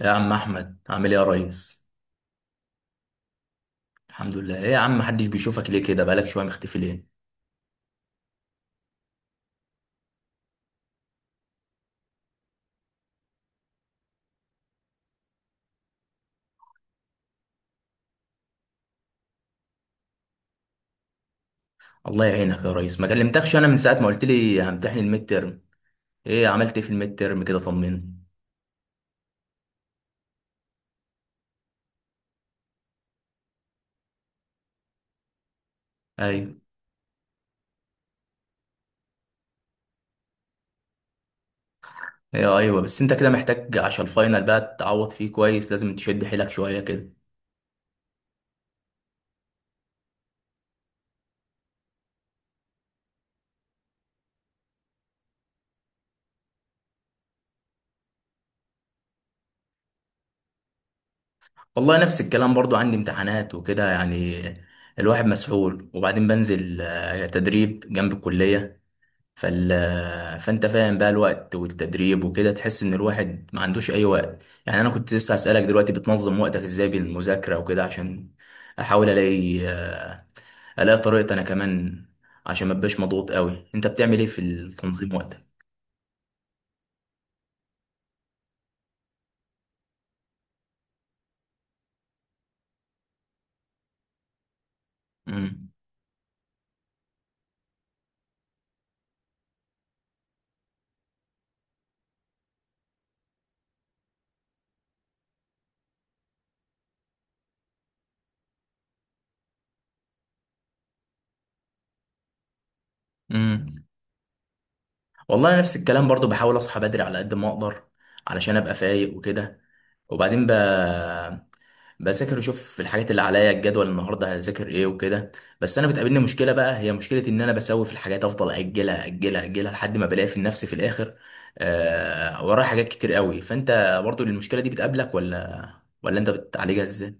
يا عم احمد عامل ايه يا ريس؟ الحمد لله. ايه يا عم، محدش بيشوفك ليه كده؟ بقالك شويه مختفي ليه؟ الله يعينك يا ريس. ما كلمتكش انا من ساعه ما قلت لي همتحن الميد ترم. ايه، عملت ايه في الميد ترم كده؟ طمني. ايوه ايوه ايوه، بس انت كده محتاج عشان الفاينل بقى تعوض فيه كويس، لازم تشد حيلك شويه كده. والله نفس الكلام، برضو عندي امتحانات وكده يعني. الواحد مسحول، وبعدين بنزل تدريب جنب الكليه. فال... فانت فاهم بقى، الوقت والتدريب وكده تحس ان الواحد ما عندوش اي وقت. يعني انا كنت لسه هسألك دلوقتي، بتنظم وقتك ازاي بالمذاكرة وكده؟ عشان احاول الاقي الاقي طريقة انا كمان، عشان ما ابقاش مضغوط قوي. انت بتعمل ايه في تنظيم وقتك؟ امم. امم. والله أنا نفس الكلام برضو، بحاول اصحى بدري على قد ما اقدر، علشان ابقى فايق وكده. وبعدين ب... بذاكر، اشوف الحاجات اللي عليا، الجدول النهارده هذاكر ايه وكده. بس انا بتقابلني مشكله بقى، هي مشكله ان انا بسوي في الحاجات افضل اجلها اجلها اجلها لحد ما بلاقي في نفسي في الاخر ورايا حاجات كتير قوي. فانت برضو المشكله دي بتقابلك ولا انت بتعالجها ازاي؟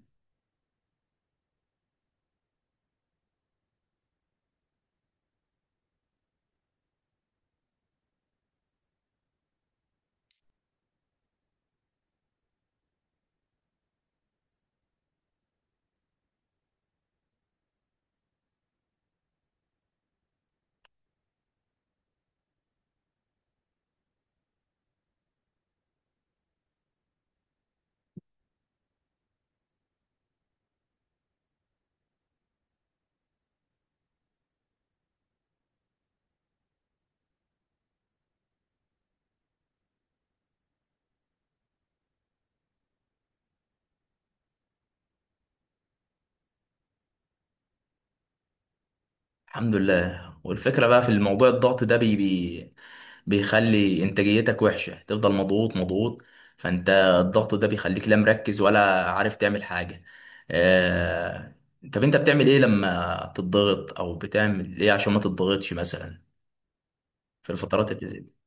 الحمد لله. والفكرة بقى في الموضوع، الضغط ده بي بي بيخلي انتاجيتك وحشة، تفضل مضغوط مضغوط. فانت، الضغط ده بيخليك لا مركز ولا عارف تعمل حاجة. آه... طب انت بتعمل ايه لما تضغط، او بتعمل ايه عشان ما تضغطش مثلا في الفترات اللي زي دي؟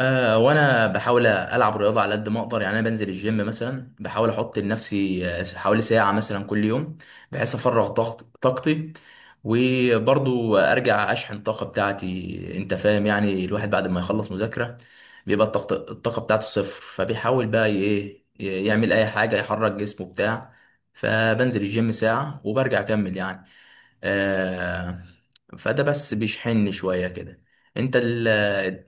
أه، وانا بحاول العب رياضه على قد ما اقدر. يعني انا بنزل الجيم مثلا، بحاول احط لنفسي حوالي ساعه مثلا كل يوم، بحيث افرغ طاقتي، وبرضو ارجع اشحن الطاقه بتاعتي. انت فاهم؟ يعني الواحد بعد ما يخلص مذاكره بيبقى الطاقة بتاعته صفر، فبيحاول بقى ايه، يعمل اي حاجه يحرك جسمه بتاع. فبنزل الجيم ساعه وبرجع اكمل يعني. أه. فده بس بيشحنني شويه كده. انت ال-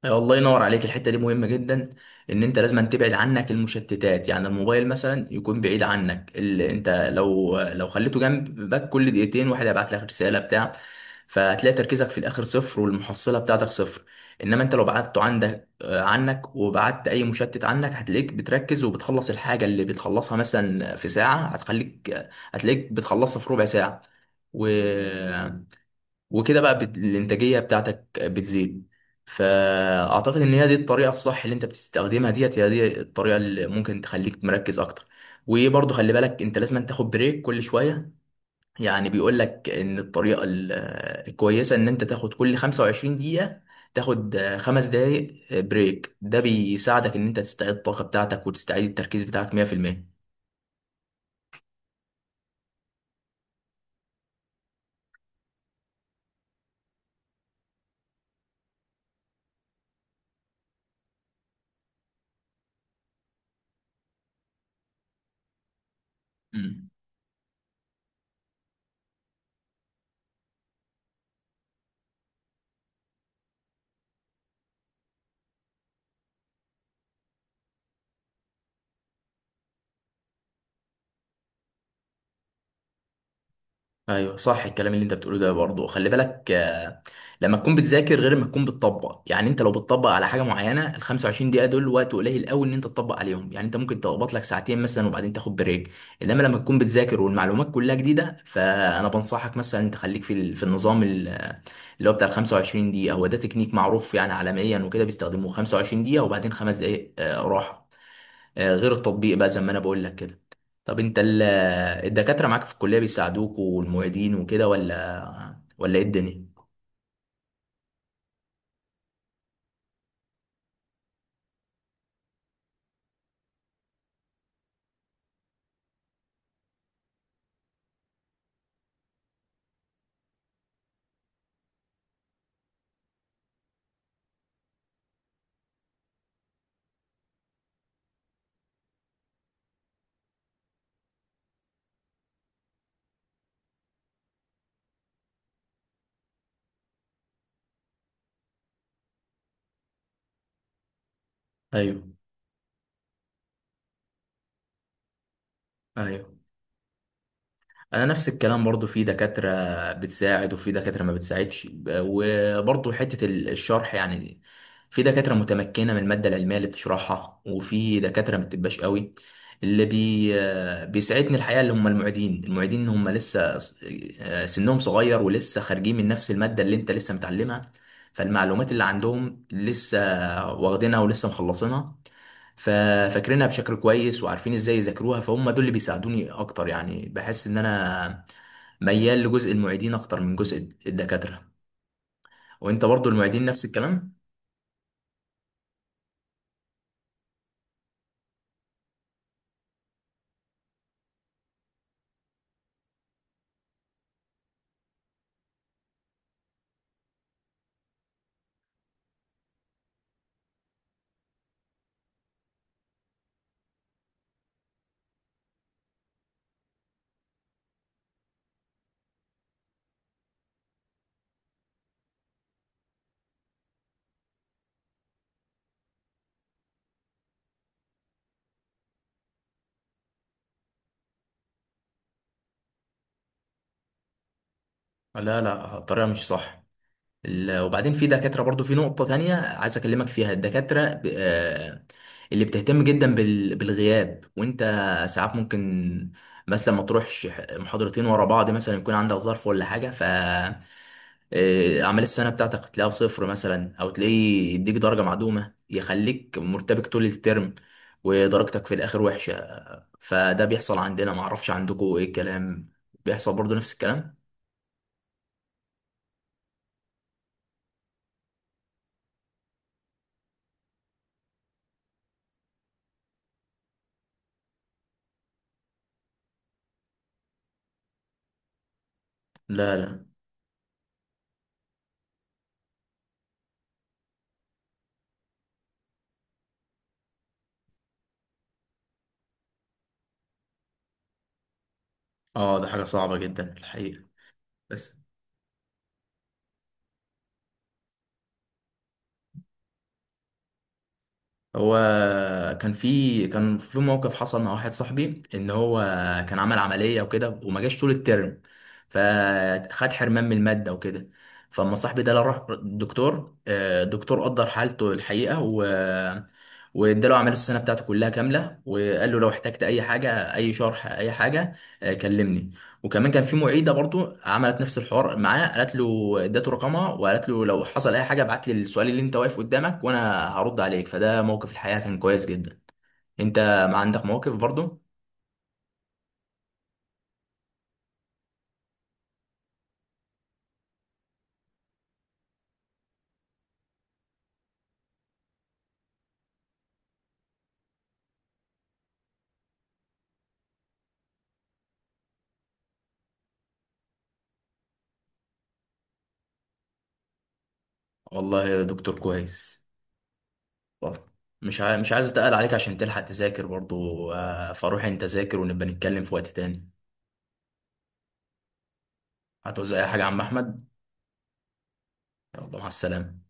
أيوة، الله ينور عليك. الحته دي مهمه جدا، ان انت لازم تبعد عنك المشتتات. يعني الموبايل مثلا يكون بعيد عنك، اللي انت لو خليته جنبك كل دقيقتين واحد هيبعت لك رساله بتاع، فهتلاقي تركيزك في الاخر صفر والمحصله بتاعتك صفر. انما انت لو بعدته عندك عنك، وبعدت اي مشتت عنك، هتلاقيك بتركز وبتخلص الحاجه اللي بتخلصها مثلا في ساعه، هتخليك هتلاقيك بتخلصها في ربع ساعه. و... وكده بقى الانتاجيه بتاعتك بتزيد. فاعتقد ان هي دي الطريقه الصح اللي انت بتستخدمها، ديت هي دي الطريقه اللي ممكن تخليك مركز اكتر. وبرضه خلي بالك انت لازم تاخد بريك كل شويه. يعني بيقول لك ان الكويسه ان انت تاخد كل 25 دقيقه، تاخد خمس دقايق بريك. ده بيساعدك ان انت تستعيد الطاقه بتاعتك وتستعيد التركيز بتاعك 100%. ايوه صح، الكلام اللي انت بتقوله ده برضه خلي بالك لما تكون بتذاكر غير ما تكون بتطبق. يعني انت لو بتطبق على حاجه معينه ال 25 دقيقه دول وقت قليل قوي ان انت تطبق عليهم. يعني انت ممكن تقبط لك ساعتين مثلا وبعدين تاخد بريك. انما لما تكون بتذاكر والمعلومات كلها جديده، فانا بنصحك مثلا انت خليك في في اللي هو بتاع ال 25 دقيقه. هو ده تكنيك معروف يعني عالميا وكده، بيستخدموه 25 دقيقه وبعدين خمس دقائق راحه. غير التطبيق بقى زي ما انا بقول لك كده. طب انت ال- الدكاترة معاك في الكلية بيساعدوك، والمعيدين وكده، ولا ايه الدنيا؟ ايوه ايوه، انا نفس الكلام برضو، في دكاترة بتساعد وفي دكاترة ما بتساعدش. وبرضو حتة الشرح يعني، في دكاترة متمكنة من المادة العلمية اللي بتشرحها، وفي دكاترة ما بتبقاش قوي. اللي بيساعدني الحقيقة اللي هم المعيدين هم لسه سنهم صغير، ولسه خارجين من نفس المادة اللي انت لسه متعلمها، فالمعلومات اللي عندهم لسه واخدينها ولسه مخلصينها، ففاكرينها بشكل كويس وعارفين ازاي يذاكروها. فهم دول اللي بيساعدوني اكتر، يعني بحس ان انا ميال لجزء المعيدين اكتر من جزء الدكاترة. وانت برضو المعيدين نفس الكلام؟ لا، لا، الطريقة مش صح. وبعدين في دكاترة برضو، في نقطة تانية عايز أكلمك فيها. الدكاترة اللي بتهتم جدا بالغياب، وأنت ساعات ممكن مثلا ما تروحش محاضرتين ورا بعض، مثلا يكون عندك ظرف ولا حاجة، ف أعمال السنة بتاعتك تلاقيها بصفر مثلا، أو تلاقيه يديك درجة معدومة يخليك مرتبك طول الترم، ودرجتك في الآخر وحشة. فده بيحصل عندنا، معرفش عندكم إيه الكلام. بيحصل برضو نفس الكلام؟ لا، لا. اه، ده حاجة صعبة جدا الحقيقة. بس هو كان في موقف حصل مع واحد صاحبي، ان هو كان عمل عمليه وكده وما جاش طول الترم، فخد حرمان من الماده وكده. فاما صاحبي ده راح الدكتور، الدكتور قدر حالته الحقيقه، واداله اعمال السنه بتاعته كلها كامله، وقال له لو احتجت اي حاجه، اي شرح اي حاجه، كلمني. وكمان كان في معيده برضو عملت نفس الحوار معاه، قالت له، ادته رقمها وقالت له لو حصل اي حاجه ابعت لي السؤال اللي انت واقف قدامك وانا هرد عليك. فده موقف الحقيقه كان كويس جدا. انت ما عندك مواقف برضو؟ والله يا دكتور كويس. برضو، مش عايز اتقل عليك عشان تلحق تذاكر برضو. فروح انت ذاكر ونبقى نتكلم في وقت تاني. هتعوز اي حاجه يا عم احمد؟ يلا مع السلامه.